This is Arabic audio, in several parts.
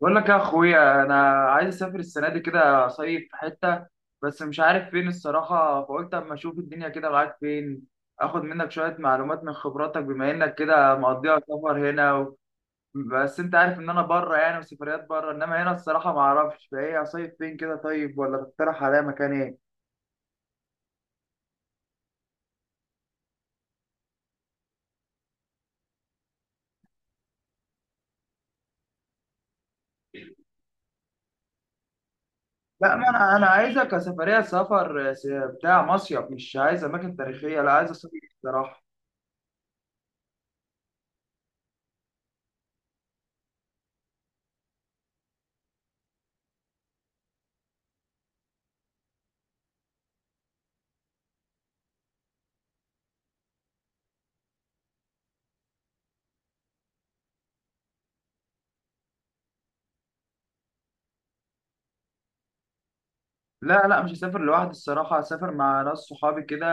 بقول لك يا اخويا انا عايز اسافر السنه دي كده صيف في حته، بس مش عارف فين الصراحه. فقلت اما اشوف الدنيا كده معاك، فين اخد منك شويه معلومات من خبراتك، بما انك كده مقضيها سفر هنا بس انت عارف ان انا بره، يعني وسفريات بره، انما هنا الصراحه ما اعرفش فايه اصيف فين كده. طيب ولا تقترح عليا مكان ايه؟ لا، ما انا انا عايزك كسفريه سفر بتاع مصيف، مش عايز اماكن تاريخيه، لا عايز اسافر الصراحه. لا، مش هسافر لوحدي الصراحة، هسافر مع ناس صحابي كده،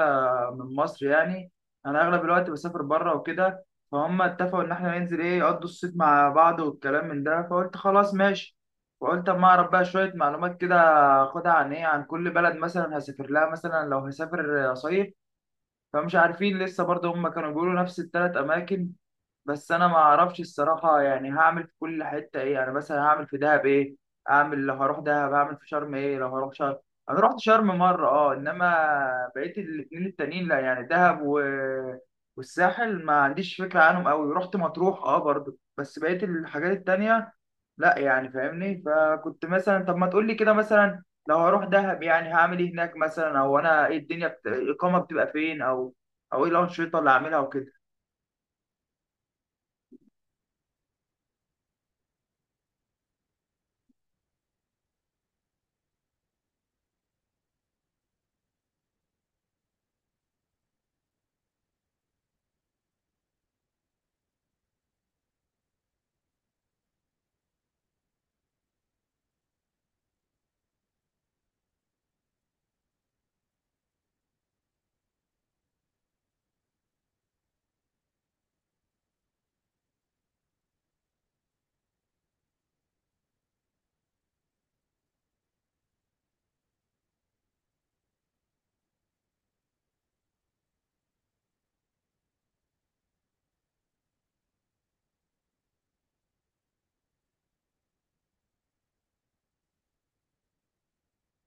من مصر يعني. أنا أغلب الوقت بسافر بره وكده، فهم اتفقوا إن إحنا ننزل إيه، يقضوا الصيف مع بعض والكلام من ده، فقلت خلاص ماشي. وقلت أما أعرف بقى شوية معلومات كده، أخدها عن إيه، عن كل بلد مثلا هسافر لها، مثلا لو هسافر صيف. فمش عارفين لسه برضه، هم كانوا بيقولوا نفس التلات أماكن. بس انا ما اعرفش الصراحه يعني هعمل في كل حته ايه. يعني مثلا هعمل في دهب ايه، اعمل لو هروح دهب، هعمل في شرم ايه لو هروح شرم. انا رحت شرم مره، اه، انما بقيت الاتنين التانيين لا، يعني دهب والساحل ما عنديش فكره عنهم قوي. رحت مطروح اه برضو، بس بقيت الحاجات التانيه لا يعني، فاهمني؟ فكنت مثلا طب ما تقول لي كده، مثلا لو هروح دهب يعني هعمل ايه هناك مثلا، او انا ايه الدنيا الاقامه بتبقى فين، او او ايه الانشطه اللي هعملها وكده.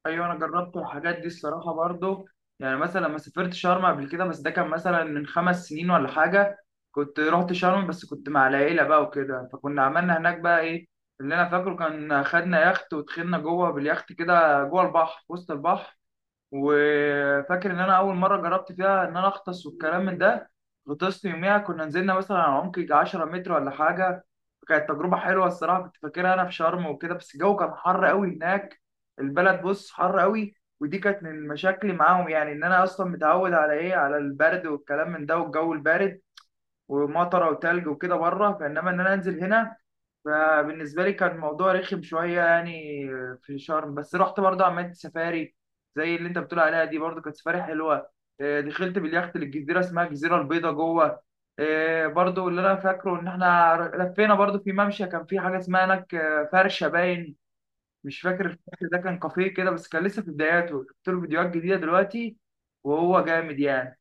ايوه انا جربت الحاجات دي الصراحه برضو. يعني مثلا لما سافرت شرم قبل كده، بس ده كان مثلا من خمس سنين ولا حاجه. كنت رحت شرم بس كنت مع العيله بقى وكده، فكنا عملنا هناك بقى ايه، اللي انا فاكره كان خدنا يخت ودخلنا جوه باليخت كده، جوه البحر، في وسط البحر. وفاكر ان انا اول مره جربت فيها ان انا اغطس والكلام من ده. غطست يوميها، كنا نزلنا مثلا على عمق يجي 10 متر ولا حاجه. كانت تجربه حلوه الصراحه، كنت فاكرها انا في شرم وكده. بس الجو كان حر قوي هناك، البلد بص حر قوي، ودي كانت من مشاكلي معاهم، يعني ان انا اصلا متعود على ايه، على البرد والكلام من ده، والجو البارد ومطره وتلج وكده بره، فانما ان انا انزل هنا فبالنسبة لي كان الموضوع رخم شوية يعني. في شرم بس رحت برضه عملت سفاري، زي اللي انت بتقول عليها دي، برضه كانت سفاري حلوة. دخلت باليخت للجزيرة، اسمها الجزيرة البيضاء، جوه. برضه اللي انا فاكره ان احنا لفينا برضه في ممشى، كان في حاجة اسمها هناك فرشة باين. مش فاكر الفرش ده، كان كافيه كده، بس كان لسه في بداياته. شفت له فيديوهات جديدة دلوقتي وهو جامد يعني.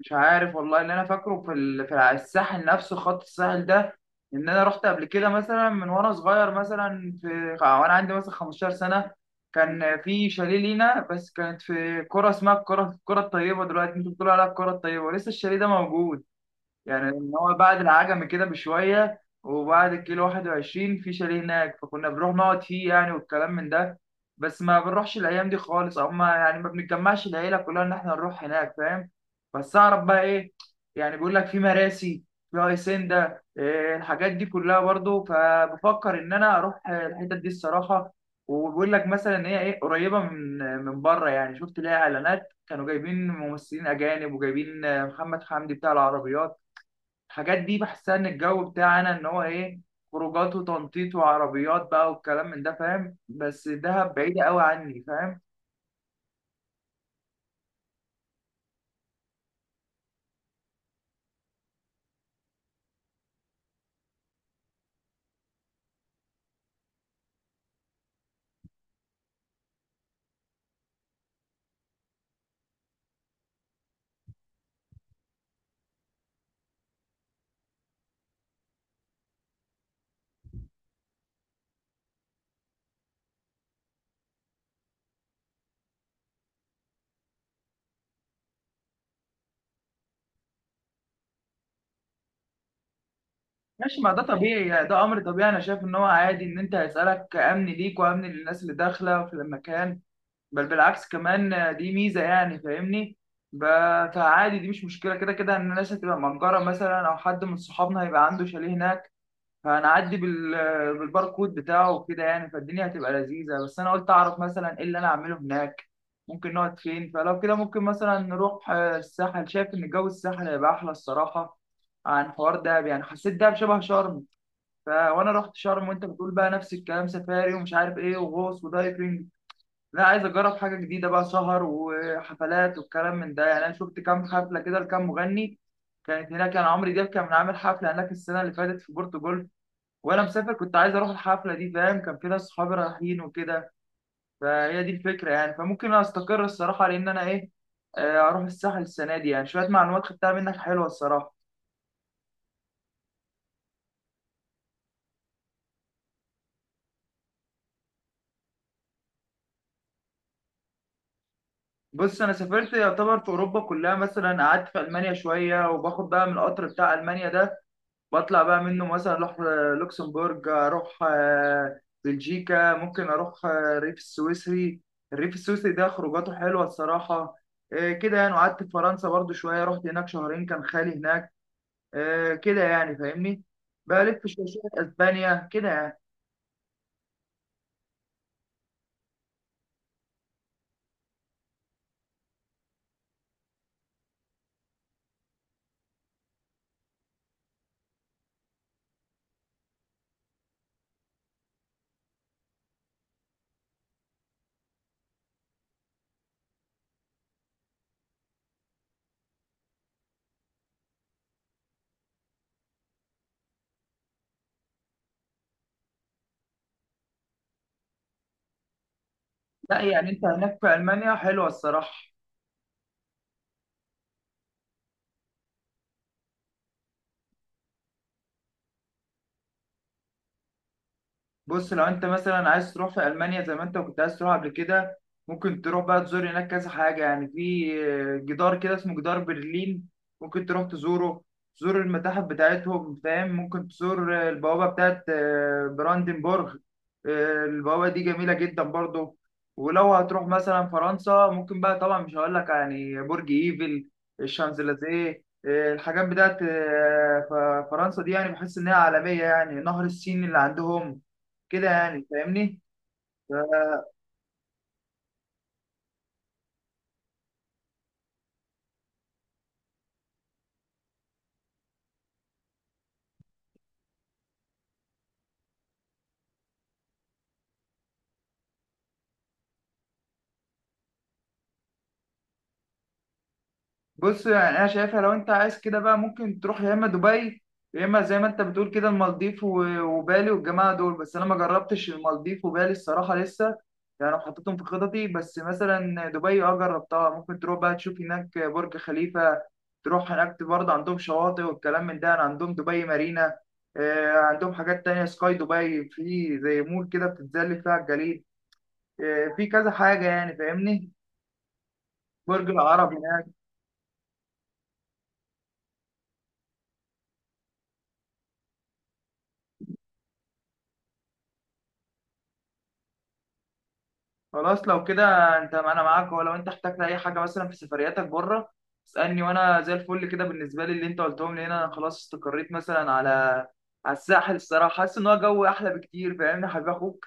مش عارف والله، ان انا فاكره في في الساحل نفسه، خط الساحل ده، ان انا رحت قبل كده مثلا من وانا صغير، مثلا في وانا عندي مثلا 15 سنه. كان في شاليه لينا، بس كانت في كرة اسمها الكرة الطيبة، دلوقتي انتوا بتقولوا عليها الكرة الطيبة، ولسه الشاليه ده موجود. يعني ان هو بعد العجمي كده بشويه، وبعد الكيلو 21، في شاليه هناك، فكنا بنروح نقعد فيه يعني والكلام من ده. بس ما بنروحش الايام دي خالص، او ما يعني ما بنتجمعش العيله كلها ان احنا نروح هناك، فاهم؟ بس اعرف بقى ايه، يعني بيقول لك في مراسي، في هيسندا، إيه الحاجات دي كلها برضو، فبفكر ان انا اروح الحتت دي الصراحه. وبيقول لك مثلا ان هي ايه، قريبه من بره يعني، شفت ليها اعلانات كانوا جايبين ممثلين اجانب، وجايبين محمد حمدي بتاع العربيات. الحاجات دي بحسها ان الجو بتاعنا ان هو ايه، خروجات وتنطيط وعربيات بقى والكلام من ده، فاهم؟ بس دهب بعيدة قوي عني، فاهم. ماشي، ما ده طبيعي يعني، ده امر طبيعي، انا شايف ان هو عادي ان انت هيسألك، امن ليك وامن للناس اللي داخلة في المكان. بل بالعكس كمان دي ميزة يعني، فاهمني. ب- فعادي دي مش مشكلة، كده كده ان الناس هتبقى مأجرة مثلا، او حد من صحابنا هيبقى عنده شاليه هناك، هنعدي بالباركود بتاعه وكده يعني. فالدنيا هتبقى لذيذة، بس أنا قلت أعرف مثلا إيه اللي أنا أعمله هناك، ممكن نقعد فين. فلو كده ممكن مثلا نروح الساحل. شايف إن جو الساحل هيبقى أحلى الصراحة عن حوار دهب، يعني حسيت دهب شبه شرم. وأنا رحت شرم، وأنت بتقول بقى نفس الكلام، سفاري ومش عارف إيه وغوص ودايفنج. لا، عايز أجرب حاجة جديدة بقى، سهر وحفلات والكلام من ده يعني. أنا شفت كام حفلة كده لكام مغني كانت هناك، كان عمرو دياب كان عامل حفلة هناك السنة اللي فاتت في بورتو، وانا مسافر كنت عايز اروح الحفله دي، فاهم؟ كان في ناس صحابي رايحين وكده، فهي دي الفكره يعني. فممكن انا استقر الصراحه، لان انا ايه، اروح الساحل السنه دي يعني. شويه معلومات خدتها منك حلوه الصراحه. بص انا سافرت يعتبر في اوروبا كلها، مثلا قعدت في المانيا شويه، وباخد بقى من القطر بتاع المانيا ده، بطلع بقى منه، مثلا اروح لوكسمبورج، اروح بلجيكا، ممكن اروح الريف السويسري. الريف السويسري ده خروجاته حلوه الصراحه. كده يعني. وقعدت في فرنسا برضو شويه، رحت هناك شهرين، كان خالي هناك. آه كده يعني، فاهمني، بلف شوية، اسبانيا كده يعني. لا يعني انت هناك في المانيا حلوه الصراحه. بص لو انت مثلا عايز تروح في المانيا زي ما انت كنت عايز تروح قبل كده، ممكن تروح بقى تزور هناك كذا حاجه. يعني في جدار كده اسمه جدار برلين، ممكن تروح تزوره، تزور المتاحف بتاعتهم، فاهم؟ ممكن تزور البوابه بتاعت براندنبورغ. البوابه دي جميله جدا برضو. ولو هتروح مثلا فرنسا، ممكن بقى طبعا، مش هقول لك يعني برج ايفل، الشانزليزيه، الحاجات بتاعت فرنسا دي يعني، بحس انها عالميه يعني، نهر السين اللي عندهم كده يعني، فاهمني. بص يعني انا شايفها لو انت عايز كده بقى، ممكن تروح يا اما دبي، يا اما زي ما انت بتقول كده المالديف وبالي والجماعه دول. بس انا ما جربتش المالديف وبالي الصراحه لسه، يعني أنا حطيتهم في خططي. بس مثلا دبي اه جربتها، ممكن تروح بقى تشوف هناك برج خليفه، تروح هناك برضه عندهم شواطئ والكلام من ده يعني، عندهم دبي مارينا. عندهم حاجات تانية، سكاي دبي، في زي مول كده بتتزلج فيها على الجليد. في كذا حاجة يعني، فاهمني، برج العرب هناك. خلاص لو كده، انت انا معاك، ولو انت احتجت اي حاجه مثلا في سفرياتك بره، اسالني وانا زي الفل كده. بالنسبه لي اللي انت قلتهم لي هنا، انا خلاص استقريت مثلا على الساحل الصراحه، حاسس ان هو جو احلى بكتير، فاهمني يا حبيب اخوك.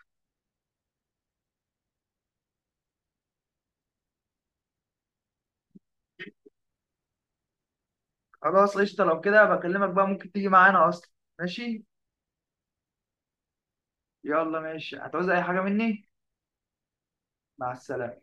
خلاص قشطه لو كده، بكلمك بقى، ممكن تيجي معانا اصلا. ماشي، يلا ماشي، هتعوز اي حاجه مني؟ مع السلامه.